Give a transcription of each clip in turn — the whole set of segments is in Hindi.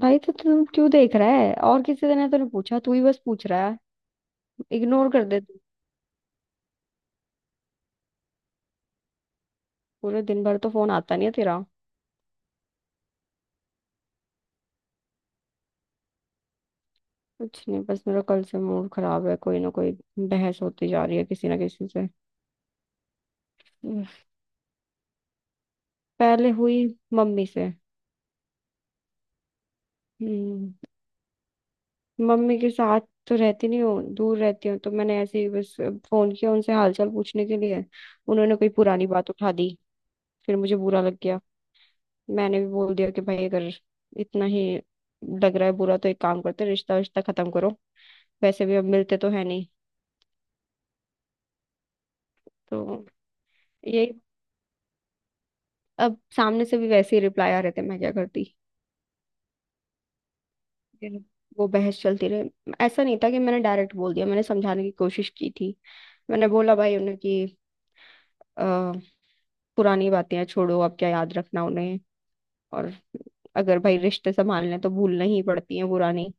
भाई तो तुम क्यों देख रहा है? और किसी ने तो नहीं पूछा, तू ही बस पूछ रहा है। इग्नोर कर दे तू। पूरे दिन भर तो फोन आता नहीं है तेरा। कुछ नहीं, बस मेरा कल से मूड खराब है। कोई ना कोई बहस होती जा रही है किसी ना किसी से। उफ, पहले हुई मम्मी से। हम्म, मम्मी के साथ तो रहती नहीं हूँ, दूर रहती हूँ, तो मैंने ऐसे ही बस फोन किया उनसे हालचाल पूछने के लिए। उन्होंने कोई पुरानी बात उठा दी, फिर मुझे बुरा लग गया। मैंने भी बोल दिया कि भाई अगर इतना ही लग रहा है बुरा तो एक काम करते हैं, रिश्ता रिश्ता खत्म करो। वैसे भी अब मिलते तो है नहीं। तो यही, अब सामने से भी वैसे ही रिप्लाई आ रहे थे, मैं क्या करती। फिर वो बहस चलती रही, ऐसा नहीं था कि मैंने डायरेक्ट बोल दिया। मैंने समझाने की कोशिश की थी। मैंने बोला भाई उन्हें कि अ, पुरानी बातें हैं छोड़ो, अब क्या याद रखना उन्हें। और अगर भाई रिश्ते संभालने हैं, तो भूलना ही पड़ती है पुरानी।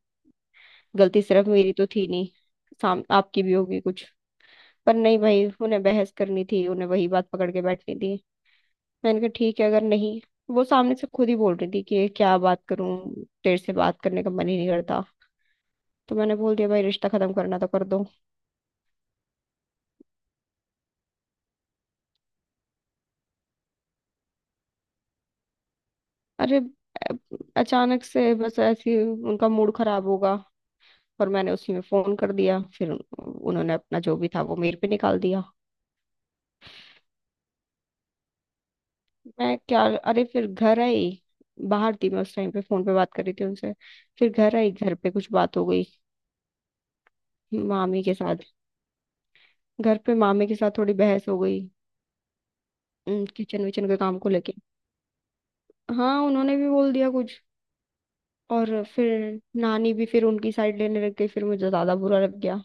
गलती सिर्फ मेरी तो थी नहीं, साम आपकी भी होगी कुछ। पर नहीं भाई, उन्हें बहस करनी थी, उन्हें वही बात पकड़ के बैठनी थी। मैंने कहा ठीक है अगर नहीं। वो सामने से खुद ही बोल रही थी कि क्या बात करूं, तेरे से बात करने का मन ही नहीं करता। तो मैंने बोल दिया भाई रिश्ता खत्म करना तो कर दो। अरे, अ- अचानक से बस ऐसे ही उनका मूड खराब होगा और मैंने उसी में फोन कर दिया। फिर उन्होंने अपना जो भी था वो मेरे पे निकाल दिया। मैं क्या, अरे फिर घर आई। बाहर थी मैं उस टाइम पे, फोन पे बात कर रही थी उनसे। फिर घर आई, घर पे कुछ बात हो गई। मामी के साथ, घर पे मामी के साथ थोड़ी बहस हो गई किचन विचन के काम को लेके। हाँ, उन्होंने भी बोल दिया कुछ। और फिर नानी भी फिर उनकी साइड लेने लग गई, फिर मुझे ज्यादा बुरा लग गया।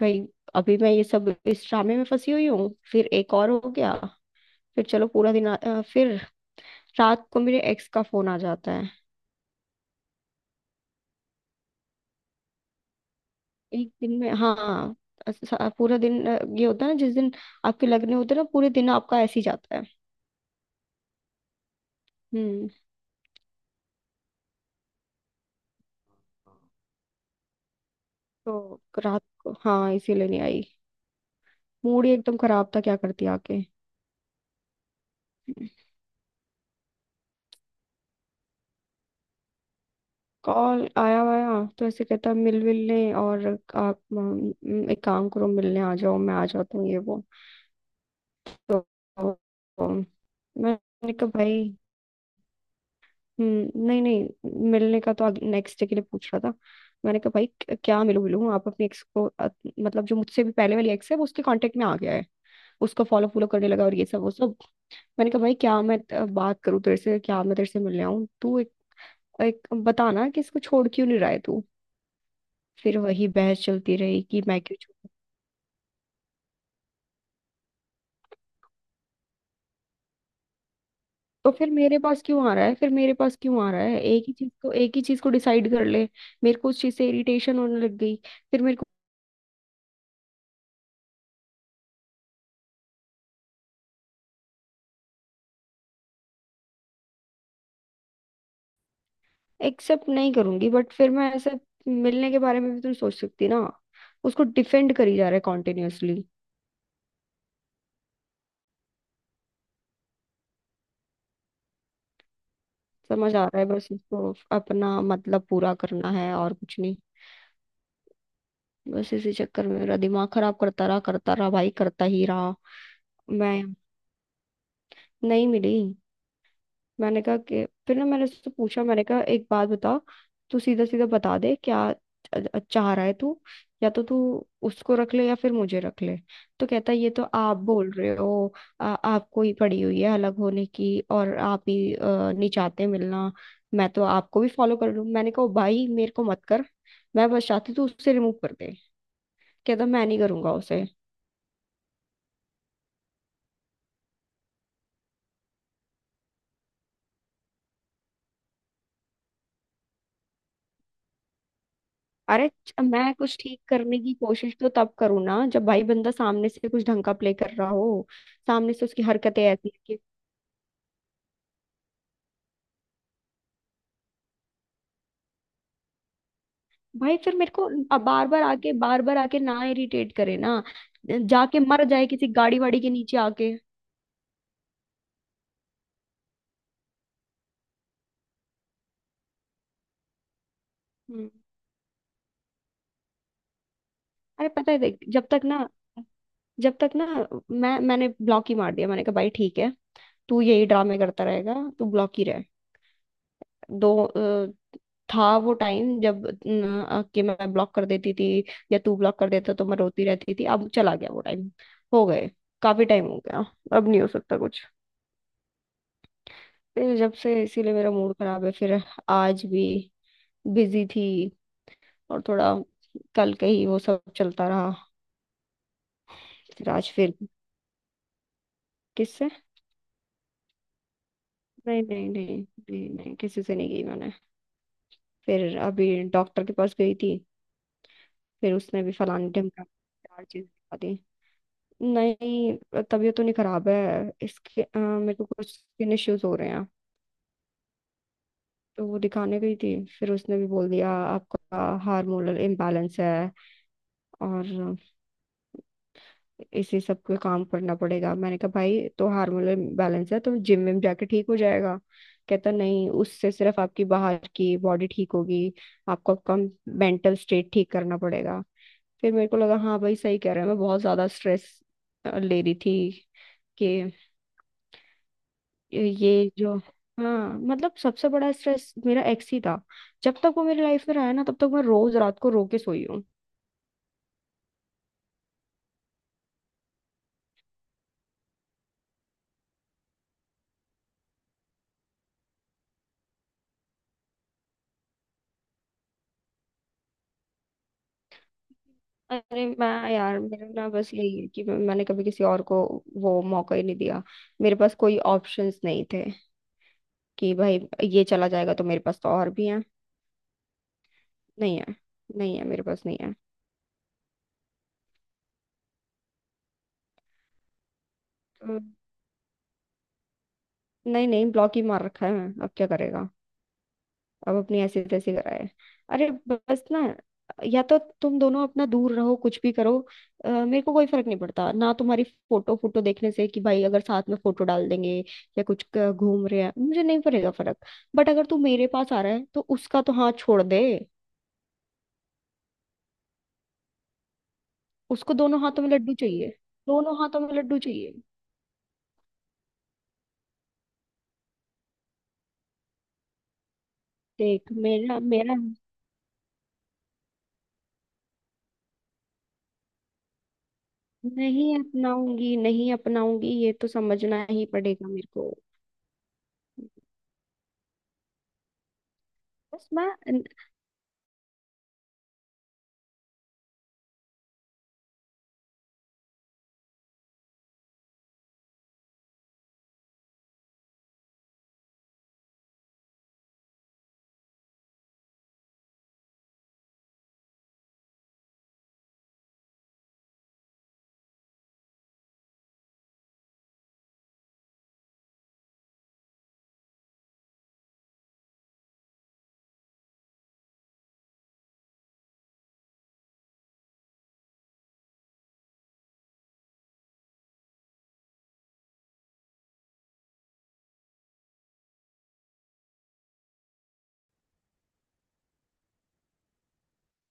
भाई, अभी मैं ये सब इस ड्रामे में फंसी हुई हूँ, फिर एक और हो गया। फिर चलो, पूरा दिन फिर रात को मेरे एक्स का फोन आ जाता है। एक दिन में, हाँ। पूरा दिन, ये होता है ना, जिस दिन आपके लगने होते हैं ना, पूरे दिन आपका ऐसे ही जाता है। हम्म, तो रात को, हाँ, इसीलिए नहीं आई। मूड ही एकदम खराब था, क्या करती आके। कॉल आया वाया, तो ऐसे कहता मिल विल ले, और आप एक काम करो, मिलने आ जाओ, मैं आ जाता हूँ ये वो। तो तो मैंने कहा भाई, नहीं नहीं, मिलने का तो नेक्स्ट डे के लिए पूछ रहा था। मैंने कहा भाई क्या मिलूं मिलूं, आप अपनी एक्स को, मतलब जो मुझसे भी पहले वाली एक्स है, वो उसके कांटेक्ट में आ गया है। उसको फॉलो फॉलो करने लगा और ये सब वो सब। मैंने कहा भाई क्या मैं बात करूं तेरे से, क्या मैं तेरे से मिलने आऊं, तू एक बताना कि इसको छोड़ क्यों नहीं रहा है तू। फिर वही बहस चलती रही कि मैं क्यों छोड़ू। तो फिर मेरे पास क्यों आ रहा है, फिर मेरे पास क्यों आ रहा है, एक ही चीज को डिसाइड कर ले। मेरे को उस चीज से इरिटेशन होने लग गई। फिर मेरे को एक्सेप्ट नहीं करूंगी, बट फिर मैं ऐसे मिलने के बारे में भी तो सोच सकती ना। उसको डिफेंड करी जा रहा है कॉन्टिन्यूअसली। समझ आ रहा है, बस उसको अपना मतलब पूरा करना है और कुछ नहीं। बस इसी चक्कर में मेरा दिमाग खराब करता रहा भाई, करता ही रहा। मैं नहीं मिली। मैंने कहा कि फिर ना, मैंने उससे पूछा, मैंने कहा एक बात बता, तू सीधा सीधा बता दे क्या चाह रहा है तू। या तो तू उसको रख ले या फिर मुझे रख ले। तो कहता है ये तो आप बोल रहे हो, आपको ही पड़ी हुई है अलग होने की, और आप ही नहीं चाहते मिलना। मैं तो आपको भी फॉलो कर लूँ। मैंने कहा "ओ भाई मेरे को मत कर, मैं बस चाहती तू उससे रिमूव कर दे। कहता मैं नहीं करूंगा उसे। अरे मैं कुछ ठीक करने की कोशिश तो तब करूँ ना जब भाई बंदा सामने से कुछ ढंग का प्ले कर रहा हो। सामने से उसकी हरकतें ऐसी हैं कि भाई, फिर मेरे को अब बार बार आके ना इरिटेट करे ना, जाके मर जाए किसी गाड़ी वाड़ी के नीचे आके। हम्म। अरे पता है देख, जब तक ना मैंने ब्लॉक ही मार दिया। मैंने कहा भाई ठीक है, तू यही ड्रामे करता रहेगा, तू ब्लॉक ही रह। दो, था वो टाइम जब न, अ, कि मैं ब्लॉक कर देती थी या तू ब्लॉक कर देता तो मैं रोती रहती थी। अब चला गया वो टाइम। हो गए, काफी टाइम हो गया। अब नहीं हो सकता कुछ। फिर जब से इसीलिए मेरा मूड खराब है। फिर आज भी बिजी थी, और थोड़ा कल के ही वो सब चलता रहा। फिर आज फिर। किससे? नहीं नहीं नहीं, नहीं नहीं किसी से नहीं, गई मैंने फिर अभी डॉक्टर के पास गई थी। फिर उसने भी फलाने ढिमका चार चीजें बता दी। नहीं, तबीयत तो नहीं खराब है। इसके, मेरे को कुछ स्किन इश्यूज हो रहे हैं, तो वो दिखाने गई थी। फिर उसने भी बोल दिया आपका हार्मोनल इम्बैलेंस है, और इसी सब पे काम करना पड़ेगा। मैंने कहा भाई तो हार्मोनल इम्बैलेंस है तो जिम में जाके ठीक हो जाएगा। कहता नहीं, उससे सिर्फ आपकी बाहर की बॉडी ठीक होगी, आपको आपका मेंटल स्टेट ठीक करना पड़ेगा। फिर मेरे को लगा हाँ भाई सही कह रहे हैं, मैं बहुत ज्यादा स्ट्रेस ले रही थी। कि ये जो, हाँ मतलब सबसे बड़ा स्ट्रेस मेरा एक्स ही था। जब तक वो मेरी लाइफ में रहा है ना, तब तक मैं रोज रात को रो के सोई हूँ। अरे मैं यार, मेरा ना बस यही है कि मैंने कभी किसी और को वो मौका ही नहीं दिया। मेरे पास कोई ऑप्शंस नहीं थे कि भाई ये चला जाएगा तो मेरे पास तो और भी है। नहीं है, नहीं है, मेरे पास नहीं है। तो नहीं नहीं, ब्लॉक ही मार रखा है, मैं अब क्या करेगा। अब अपनी ऐसे तैसे कराए। अरे बस ना, या तो तुम दोनों अपना दूर रहो, कुछ भी करो, मेरे को कोई फर्क नहीं पड़ता ना, तुम्हारी फोटो फोटो देखने से कि भाई अगर साथ में फोटो डाल देंगे या कुछ घूम रहे हैं, मुझे नहीं पड़ेगा फर्क। बट अगर तू मेरे पास आ रहा है तो उसका तो हाथ छोड़ दे। उसको दोनों हाथों में लड्डू चाहिए, दोनों हाथों में लड्डू चाहिए। देख मेरा मेरा नहीं अपनाऊंगी, नहीं अपनाऊंगी, ये तो समझना ही पड़ेगा मेरे को। बस मैं,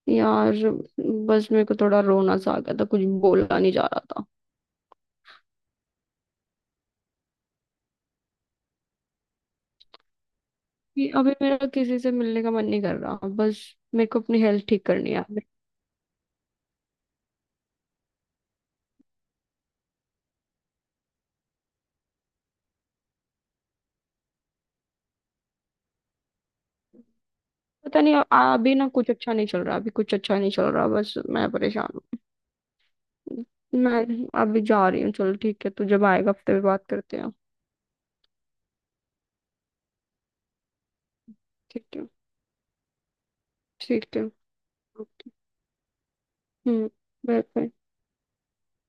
यार बस मेरे को थोड़ा रोना सा आ गया था, कुछ बोला नहीं जा रहा था। कि अभी मेरा किसी से मिलने का मन नहीं कर रहा, बस मेरे को अपनी हेल्थ ठीक करनी है अभी। पता नहीं, अभी ना कुछ अच्छा नहीं चल रहा, अभी कुछ अच्छा नहीं चल रहा, बस मैं परेशान हूँ। मैं अभी जा रही हूँ, चलो ठीक है, तू जब आएगा हफ्ते में बात करते हैं। ठीक है। ठीक है। ओके। हम्म। Bye bye.